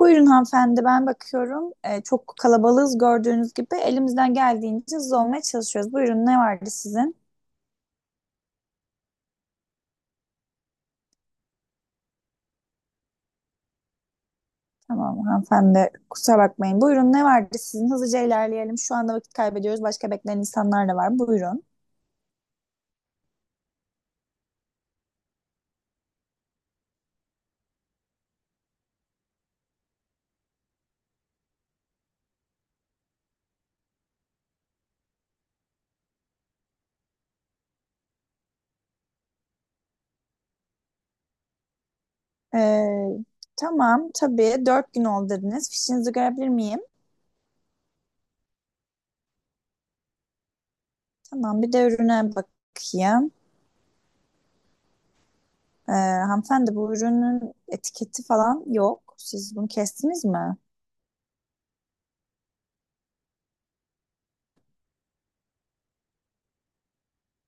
Buyurun hanımefendi ben bakıyorum. Çok kalabalığız gördüğünüz gibi. Elimizden geldiğince hızlı olmaya çalışıyoruz. Buyurun ne vardı sizin? Tamam hanımefendi kusura bakmayın. Buyurun ne vardı sizin? Hızlıca ilerleyelim. Şu anda vakit kaybediyoruz. Başka bekleyen insanlar da var. Buyurun. Ee, tamam tabii dört gün oldu dediniz. Fişinizi görebilir miyim? Tamam bir de ürüne bakayım. Hanımefendi bu ürünün etiketi falan yok. Siz bunu kestiniz mi?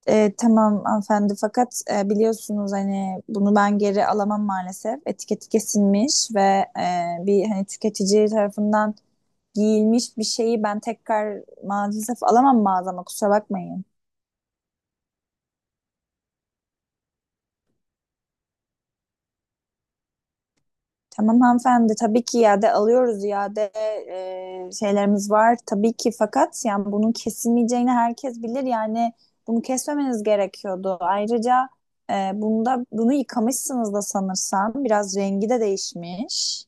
Tamam hanımefendi fakat biliyorsunuz hani bunu ben geri alamam maalesef. Etiketi kesilmiş ve bir hani tüketici tarafından giyilmiş bir şeyi ben tekrar maalesef alamam mağazama kusura bakmayın. Tamam hanımefendi tabii ki iade alıyoruz, iade şeylerimiz var tabii ki, fakat yani bunun kesilmeyeceğini herkes bilir yani bunu kesmemeniz gerekiyordu. Ayrıca bunu yıkamışsınız da sanırsam biraz rengi de değişmiş.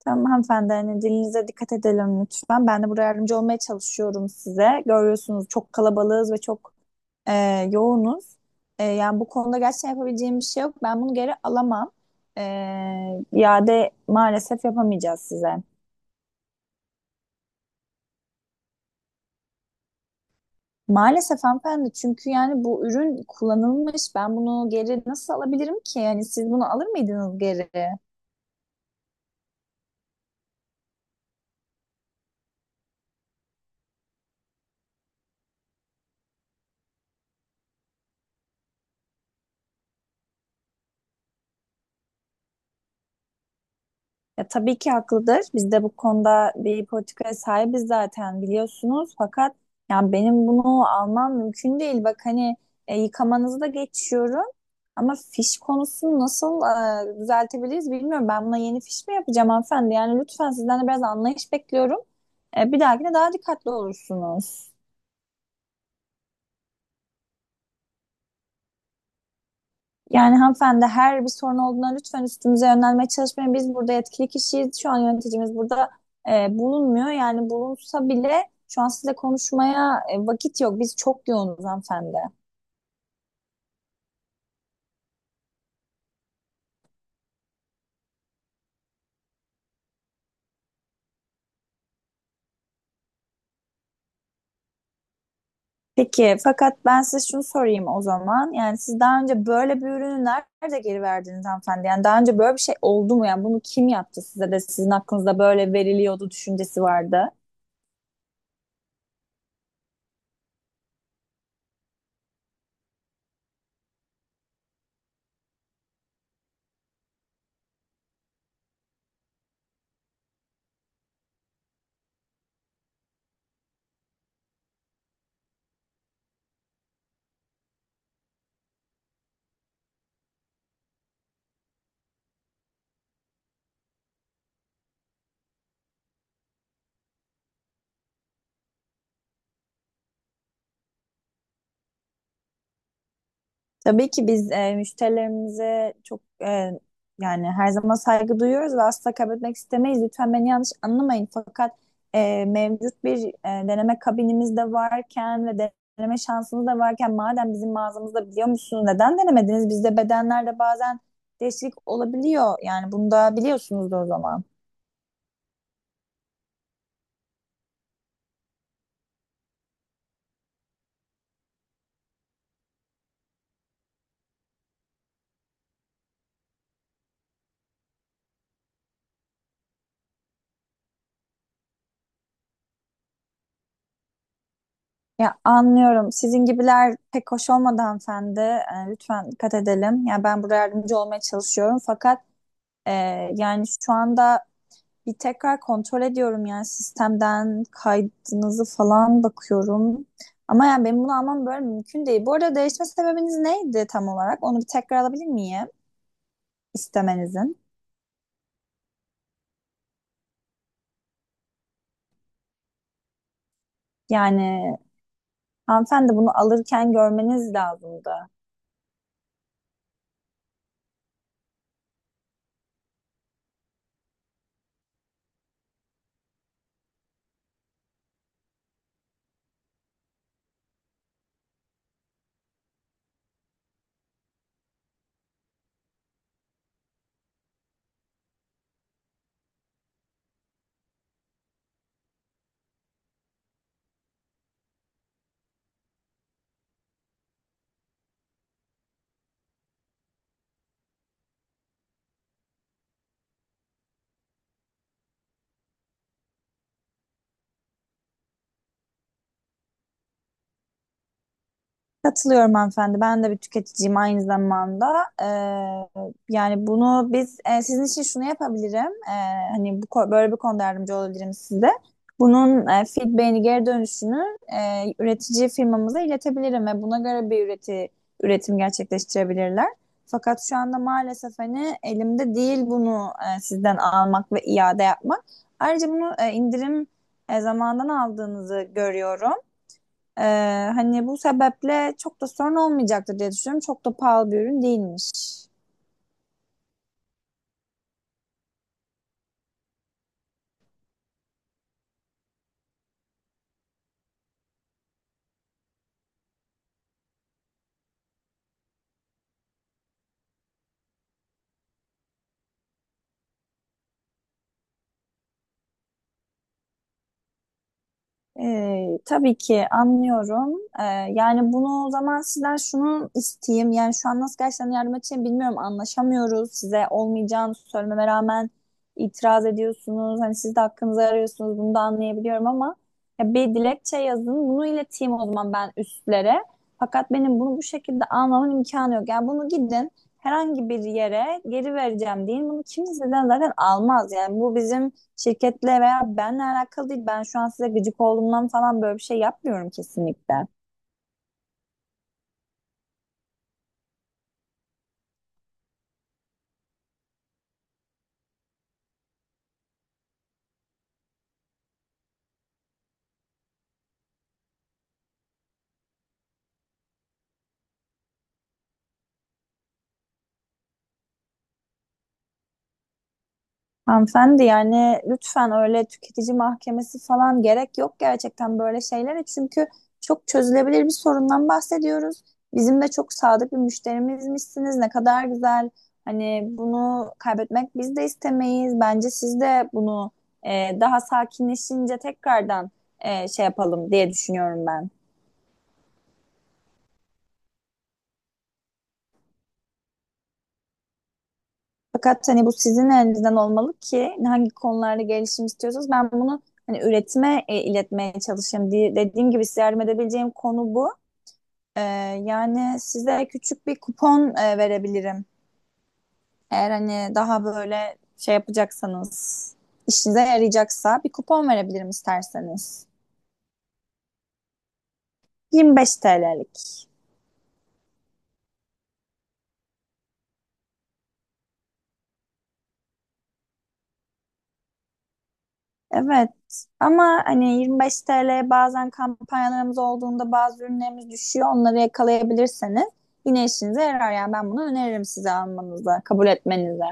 Tamam hanımefendi hani dilinize dikkat edelim lütfen, ben de buraya yardımcı olmaya çalışıyorum size, görüyorsunuz çok kalabalığız ve çok e, yoğunuz. Yani bu konuda gerçekten yapabileceğim bir şey yok. Ben bunu geri alamam. E, iade maalesef yapamayacağız size. Maalesef hanımefendi çünkü yani bu ürün kullanılmış. Ben bunu geri nasıl alabilirim ki? Yani siz bunu alır mıydınız geri? Ya tabii ki haklıdır. Biz de bu konuda bir politikaya sahibiz zaten biliyorsunuz. Fakat yani benim bunu almam mümkün değil. Bak hani yıkamanızı da geçiyorum. Ama fiş konusunu nasıl düzeltebiliriz bilmiyorum. Ben buna yeni fiş mi yapacağım hanımefendi? Yani lütfen sizden de biraz anlayış bekliyorum. Bir dahakine daha dikkatli olursunuz. Yani hanımefendi her bir sorun olduğunda lütfen üstümüze yönelmeye çalışmayın. Biz burada yetkili kişiyiz. Şu an yöneticimiz burada bulunmuyor. Yani bulunsa bile şu an size konuşmaya vakit yok. Biz çok yoğunuz hanımefendi. Peki, fakat ben size şunu sorayım o zaman. Yani siz daha önce böyle bir ürünü nerede geri verdiniz hanımefendi? Yani daha önce böyle bir şey oldu mu? Yani bunu kim yaptı size de sizin aklınızda böyle veriliyordu düşüncesi vardı? Tabii ki biz müşterilerimize çok yani her zaman saygı duyuyoruz ve asla kaybetmek istemeyiz. Lütfen beni yanlış anlamayın. Fakat mevcut bir deneme kabinimiz de varken ve deneme şansımız da varken madem bizim mağazamızda, biliyor musunuz neden denemediniz? Bizde bedenlerde bazen değişiklik olabiliyor. Yani bunu da biliyorsunuz o zaman. Ya anlıyorum. Sizin gibiler pek hoş olmadı hanımefendi. Lütfen dikkat edelim. Ya ben burada yardımcı olmaya çalışıyorum. Fakat e, yani şu anda bir tekrar kontrol ediyorum, yani sistemden kaydınızı falan bakıyorum. Ama yani benim bunu almam böyle mümkün değil. Bu arada değişme sebebiniz neydi tam olarak? Onu bir tekrar alabilir miyim istemenizin? Yani hanımefendi bunu alırken görmeniz lazımdı. Katılıyorum hanımefendi. Ben de bir tüketiciyim aynı zamanda. Ee, Yani bunu biz sizin için şunu yapabilirim. Hani bu, böyle bir konuda yardımcı olabilirim size. Bunun feedback'ini, geri dönüşünü üretici firmamıza iletebilirim ve buna göre bir üretim gerçekleştirebilirler. Fakat şu anda maalesef hani elimde değil bunu sizden almak ve iade yapmak. Ayrıca bunu indirim zamandan aldığınızı görüyorum. Ee, Hani bu sebeple çok da sorun olmayacaktır diye düşünüyorum. Çok da pahalı bir ürün değilmiş. Tabii ki anlıyorum. Yani bunu o zaman sizden şunu isteyeyim. Yani şu an nasıl gerçekten yardım edeceğim bilmiyorum. Anlaşamıyoruz. Size olmayacağını söylememe rağmen itiraz ediyorsunuz. Hani siz de hakkınızı arıyorsunuz. Bunu da anlayabiliyorum ama ya bir dilekçe yazın. Bunu ileteyim o zaman ben üstlere. Fakat benim bunu bu şekilde almamın imkanı yok. Yani bunu gidin herhangi bir yere, geri vereceğim deyin. Bunu kimseden zaten almaz. Yani bu bizim şirketle veya benle alakalı değil. Ben şu an size gıcık olduğumdan falan böyle bir şey yapmıyorum kesinlikle. Hanımefendi yani lütfen öyle tüketici mahkemesi falan gerek yok gerçekten böyle şeylere. Çünkü çok çözülebilir bir sorundan bahsediyoruz. Bizim de çok sadık bir müşterimizmişsiniz. Ne kadar güzel. Hani bunu kaybetmek biz de istemeyiz. Bence siz de bunu daha sakinleşince tekrardan şey yapalım diye düşünüyorum ben. Fakat hani bu sizin elinizden olmalı ki hangi konularda gelişim istiyorsanız ben bunu hani üretime iletmeye çalışayım. Dediğim gibi size yardım edebileceğim konu bu. Ee, Yani size küçük bir kupon verebilirim. Eğer hani daha böyle şey yapacaksanız, işinize yarayacaksa bir kupon verebilirim isterseniz. 25 TL'lik. Evet ama hani 25 TL'ye bazen kampanyalarımız olduğunda bazı ürünlerimiz düşüyor. Onları yakalayabilirseniz yine işinize yarar. Yani ben bunu öneririm size, almanıza, kabul etmenize.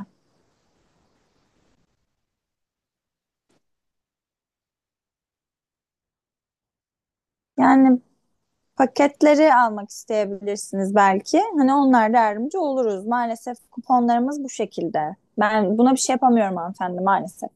Yani paketleri almak isteyebilirsiniz belki. Hani onlar da yardımcı oluruz. Maalesef kuponlarımız bu şekilde. Ben buna bir şey yapamıyorum hanımefendi maalesef.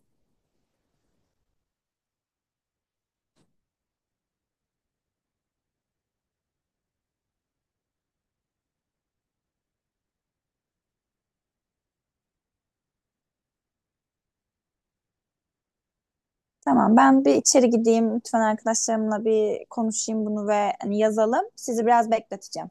Tamam ben bir içeri gideyim. Lütfen arkadaşlarımla bir konuşayım bunu ve hani yazalım. Sizi biraz bekleteceğim.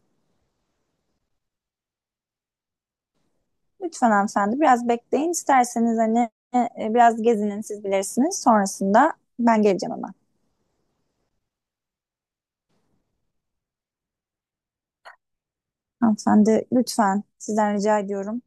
Lütfen hanımefendi biraz bekleyin. İsterseniz hani biraz gezinin, siz bilirsiniz. Sonrasında ben geleceğim hemen. Hanımefendi lütfen sizden rica ediyorum.